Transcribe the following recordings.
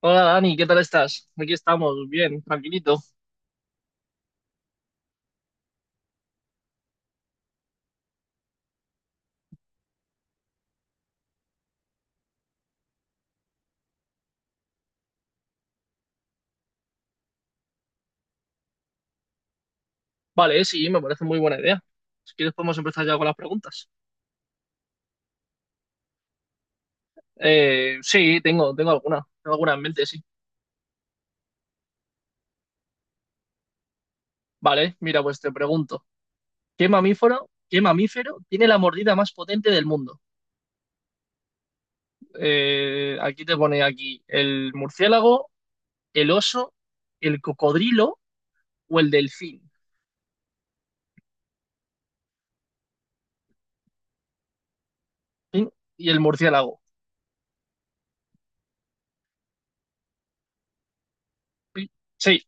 Hola Dani, ¿qué tal estás? Aquí estamos, bien, tranquilito. Vale, sí, me parece muy buena idea. Si quieres podemos empezar ya con las preguntas. Sí, tengo alguna en mente, sí. Vale, mira, pues te pregunto, ¿qué mamífero tiene la mordida más potente del mundo? Aquí te pone aquí el murciélago, el oso, el cocodrilo o el delfín. ¿Sí? Y el murciélago. Sí, sí.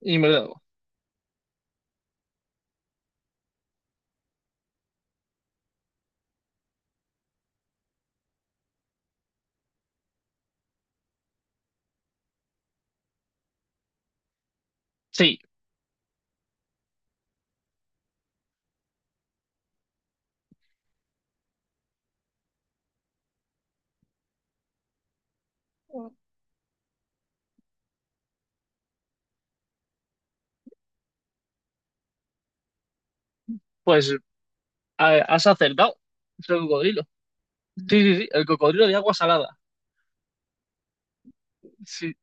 y me lo Sí, pues has acertado. Es el cocodrilo. Sí, sí, sí, el cocodrilo de agua salada. Sí,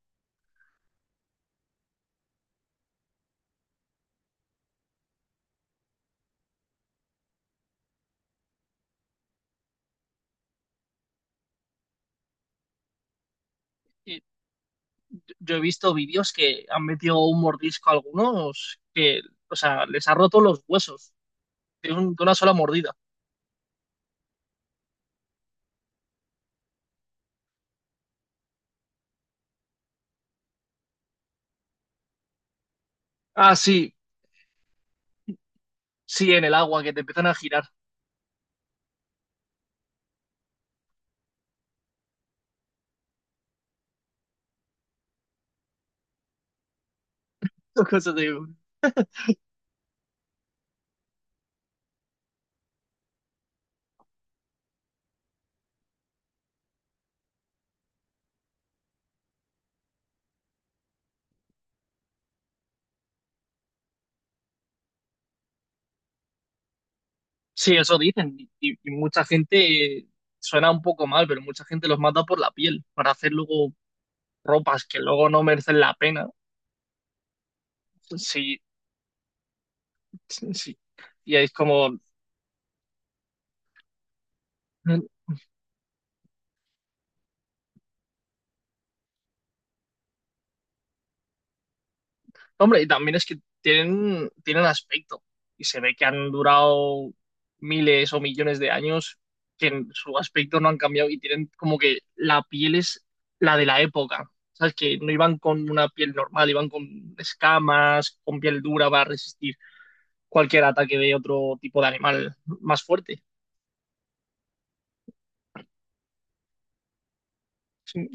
y yo he visto vídeos que han metido un mordisco a algunos que, o sea, les ha roto los huesos de una sola mordida. Ah, sí, sí, en el agua, que te empiezan a girar. Cosas de- Sí, eso dicen. Y mucha gente, suena un poco mal, pero mucha gente los mata por la piel, para hacer luego ropas que luego no merecen la pena. Sí, sí, sí. Y es como, Hombre, y también es que tienen aspecto y se ve que han durado miles o millones de años, que en su aspecto no han cambiado, y tienen como que la piel es la de la época. ¿Sabes? Que no iban con una piel normal, iban con escamas, con piel dura para resistir cualquier ataque de otro tipo de animal más fuerte. Sí.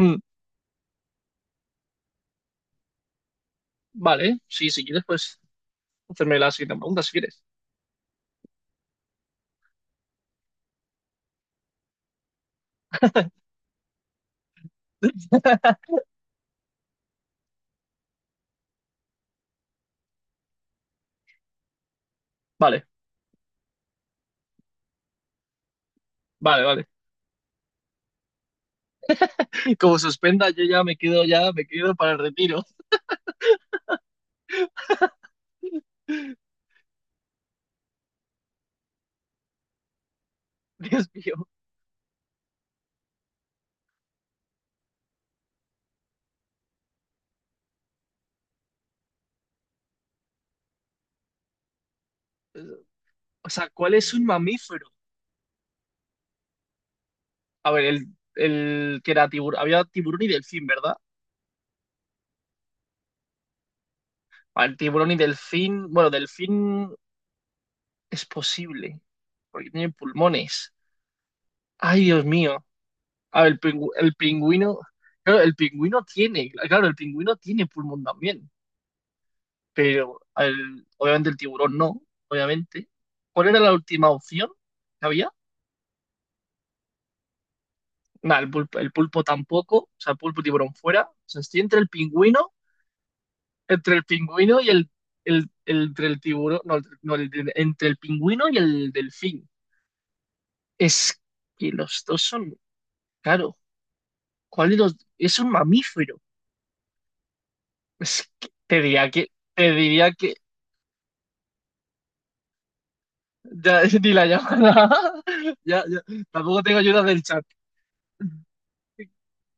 Mm, Vale, sí, si quieres, pues hacerme la siguiente pregunta, si quieres. Vale, vale, vale. Como suspenda, yo ya me quedo para el retiro. Dios mío. O sea, ¿cuál es un mamífero? A ver, el que era tiburón. Había tiburón y delfín, ¿verdad? Ah, el tiburón y delfín. Bueno, delfín es posible, porque tiene pulmones. Ay, Dios mío. A ver, el pingüino. Claro, el pingüino tiene. Claro, el pingüino tiene pulmón también. Pero obviamente el tiburón no, obviamente. ¿Cuál era la última opción que había? Nada, el pulpo tampoco. O sea, pulpo y tiburón fuera. O sea, estoy entre el pingüino. Entre el pingüino y entre el tiburón, no, no, entre el pingüino y el delfín. Es que los dos son, claro, ¿cuál de los? Es un mamífero. Es que te diría que, ya, ni la llamada, ya, ya, tampoco tengo ayuda del chat.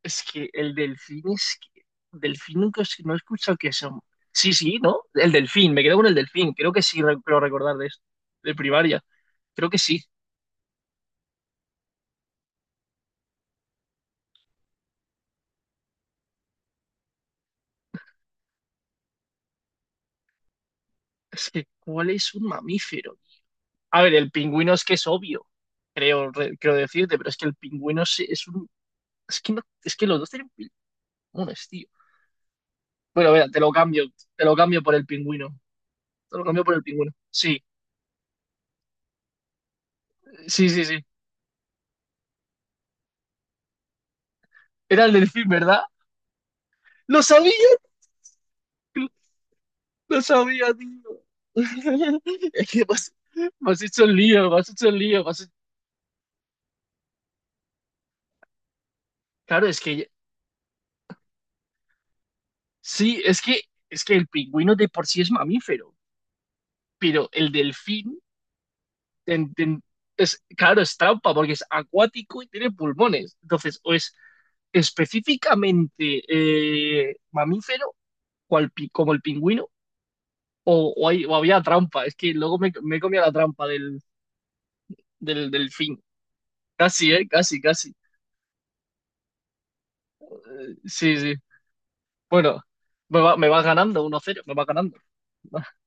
Es que el delfín es que, delfín nunca, no he escuchado que son. Sí, sí, ¿no? El delfín, me quedo con el delfín, creo que sí, creo recordar de esto, de primaria, creo que sí. Es que, ¿cuál es un mamífero? A ver, el pingüino es que es obvio, creo, creo decirte, pero es que el pingüino es un... Es que, no, es que los dos tienen pulmones, tío. Bueno, mira, te lo cambio por el pingüino. Te lo cambio por el pingüino. Sí, sí, sí, sí. Era el delfín, ¿verdad? Lo sabía, tío, lo sabía, tío. Es que me has hecho el lío, me has hecho el lío. Claro, es que sí, es que el pingüino de por sí es mamífero, pero el delfín en- en- es, claro, es trampa porque es acuático y tiene pulmones. Entonces, o es específicamente mamífero, como el pingüino, o había trampa. Es que luego me comía la trampa del delfín. Casi, ¿eh? Casi, casi. Sí, sí. Bueno, me vas ganando 1-0, me va ganando.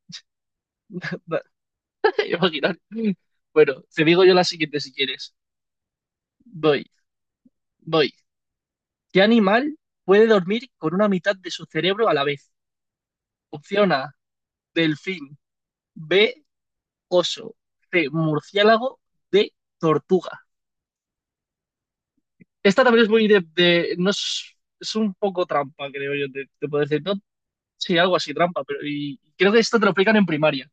Imaginar. Bueno, te digo yo la siguiente si quieres. Voy, voy. ¿Qué animal puede dormir con una mitad de su cerebro a la vez? Opción A, delfín. B, oso. C, murciélago. D, tortuga. Esta también es muy de... no es, es un poco trampa, creo yo, te puedo decir. No, sí, algo así, trampa, pero y, creo que esto te lo explican en primaria.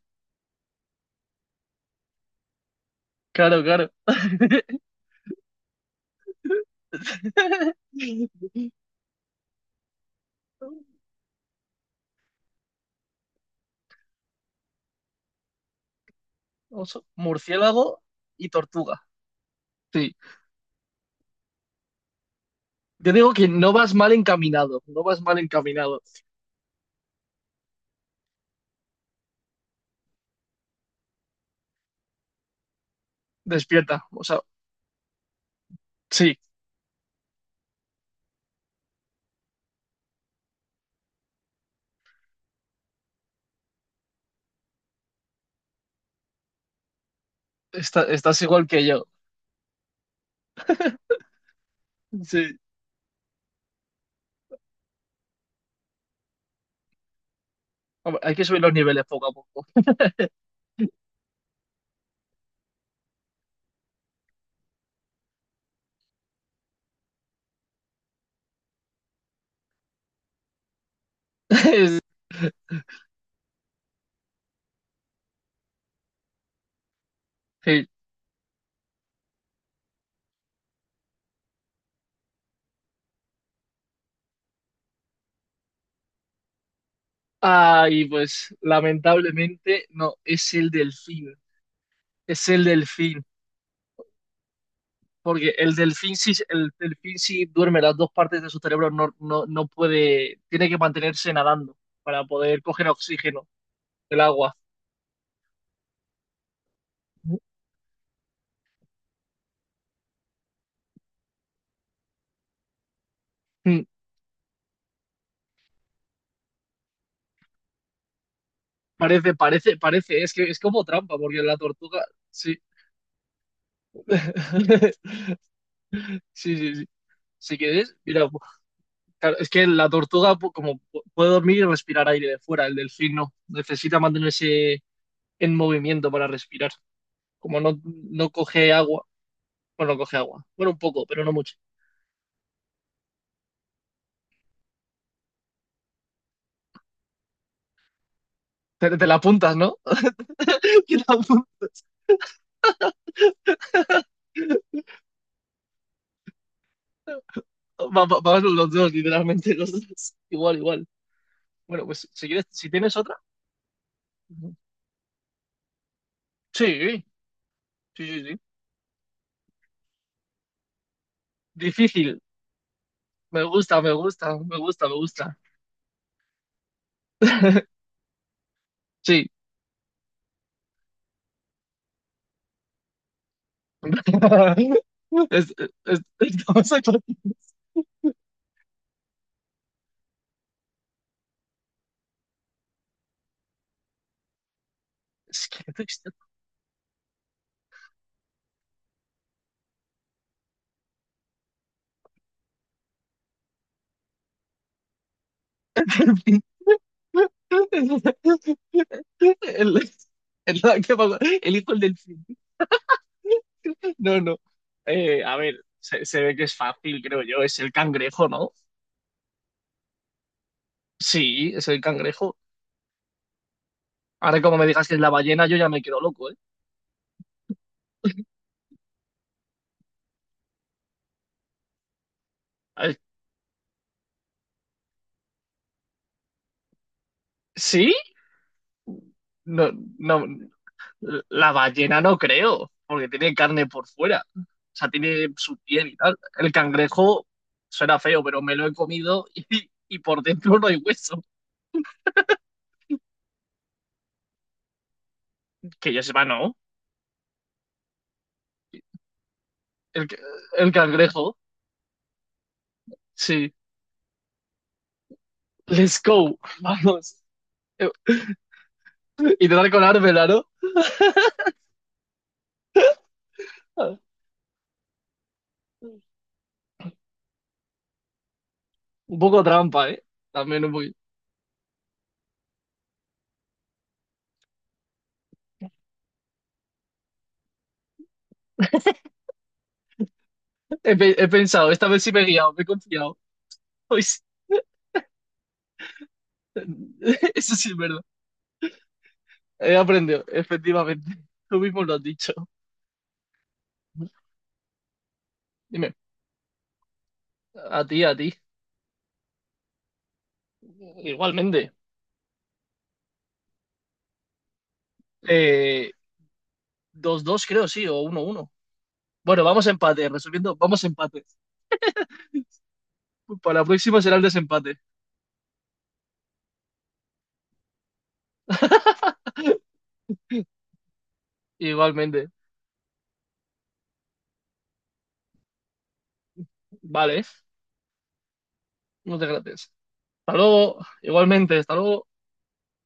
Claro, claro. Oso, murciélago y tortuga. Sí. Yo digo que no vas mal encaminado, no vas mal encaminado. Despierta, o sea, sí, estás igual que yo. Sí. Hombre, hay que subir los niveles poco a poco. Sí. Ay, pues lamentablemente no, es el delfín, porque el delfín sí duerme, las dos partes de su cerebro no, no, no puede, tiene que mantenerse nadando para poder coger oxígeno del agua. Mm, Parece, parece, es que es como trampa, porque la tortuga, sí, sí, sí, sí. Si quieres, mira, claro, es que la tortuga puede dormir y respirar aire de fuera, el delfín no, necesita mantenerse en movimiento para respirar. Como no, no coge agua, bueno, no coge agua, bueno, un poco, pero no mucho. Te la apuntas, ¿no? Que te apuntas. Vamos los dos, literalmente, los dos. Igual, igual. Bueno, pues si quieres, si tienes otra. Sí, sí, sí, sí. Difícil. Me gusta, me gusta, me gusta, me gusta. Sí. Es, estamos aquí. Es que no existe- El, el, el, el hijo del delfín. No, no. A ver, se ve que es fácil, creo yo. Es el cangrejo, ¿no? Sí, es el cangrejo. Ahora, como me digas que es la ballena, yo ya me quedo loco, ¿eh? A ver, ¿sí? No, no. La ballena no creo, porque tiene carne por fuera. O sea, tiene su piel y tal. El cangrejo suena feo, pero me lo he comido y por dentro no hay hueso. Que yo sepa, no. El, ca- el cangrejo, sí. Let's go, vamos. Eh, y tratar con colármela, ¿no? Un poco trampa, ¿eh? También un poquito. He pensado, esta vez sí me he guiado, me he confiado. Hoy sí. Eso sí es verdad. He aprendido, efectivamente. Tú mismo lo has dicho. Dime, a ti, a ti. Igualmente. Eh, dos 2 creo, sí, o 1-1. Bueno, vamos a empate, resumiendo, vamos a empate. Para la próxima será el desempate. Igualmente. Vale, muchas gracias. Hasta luego, igualmente, hasta luego.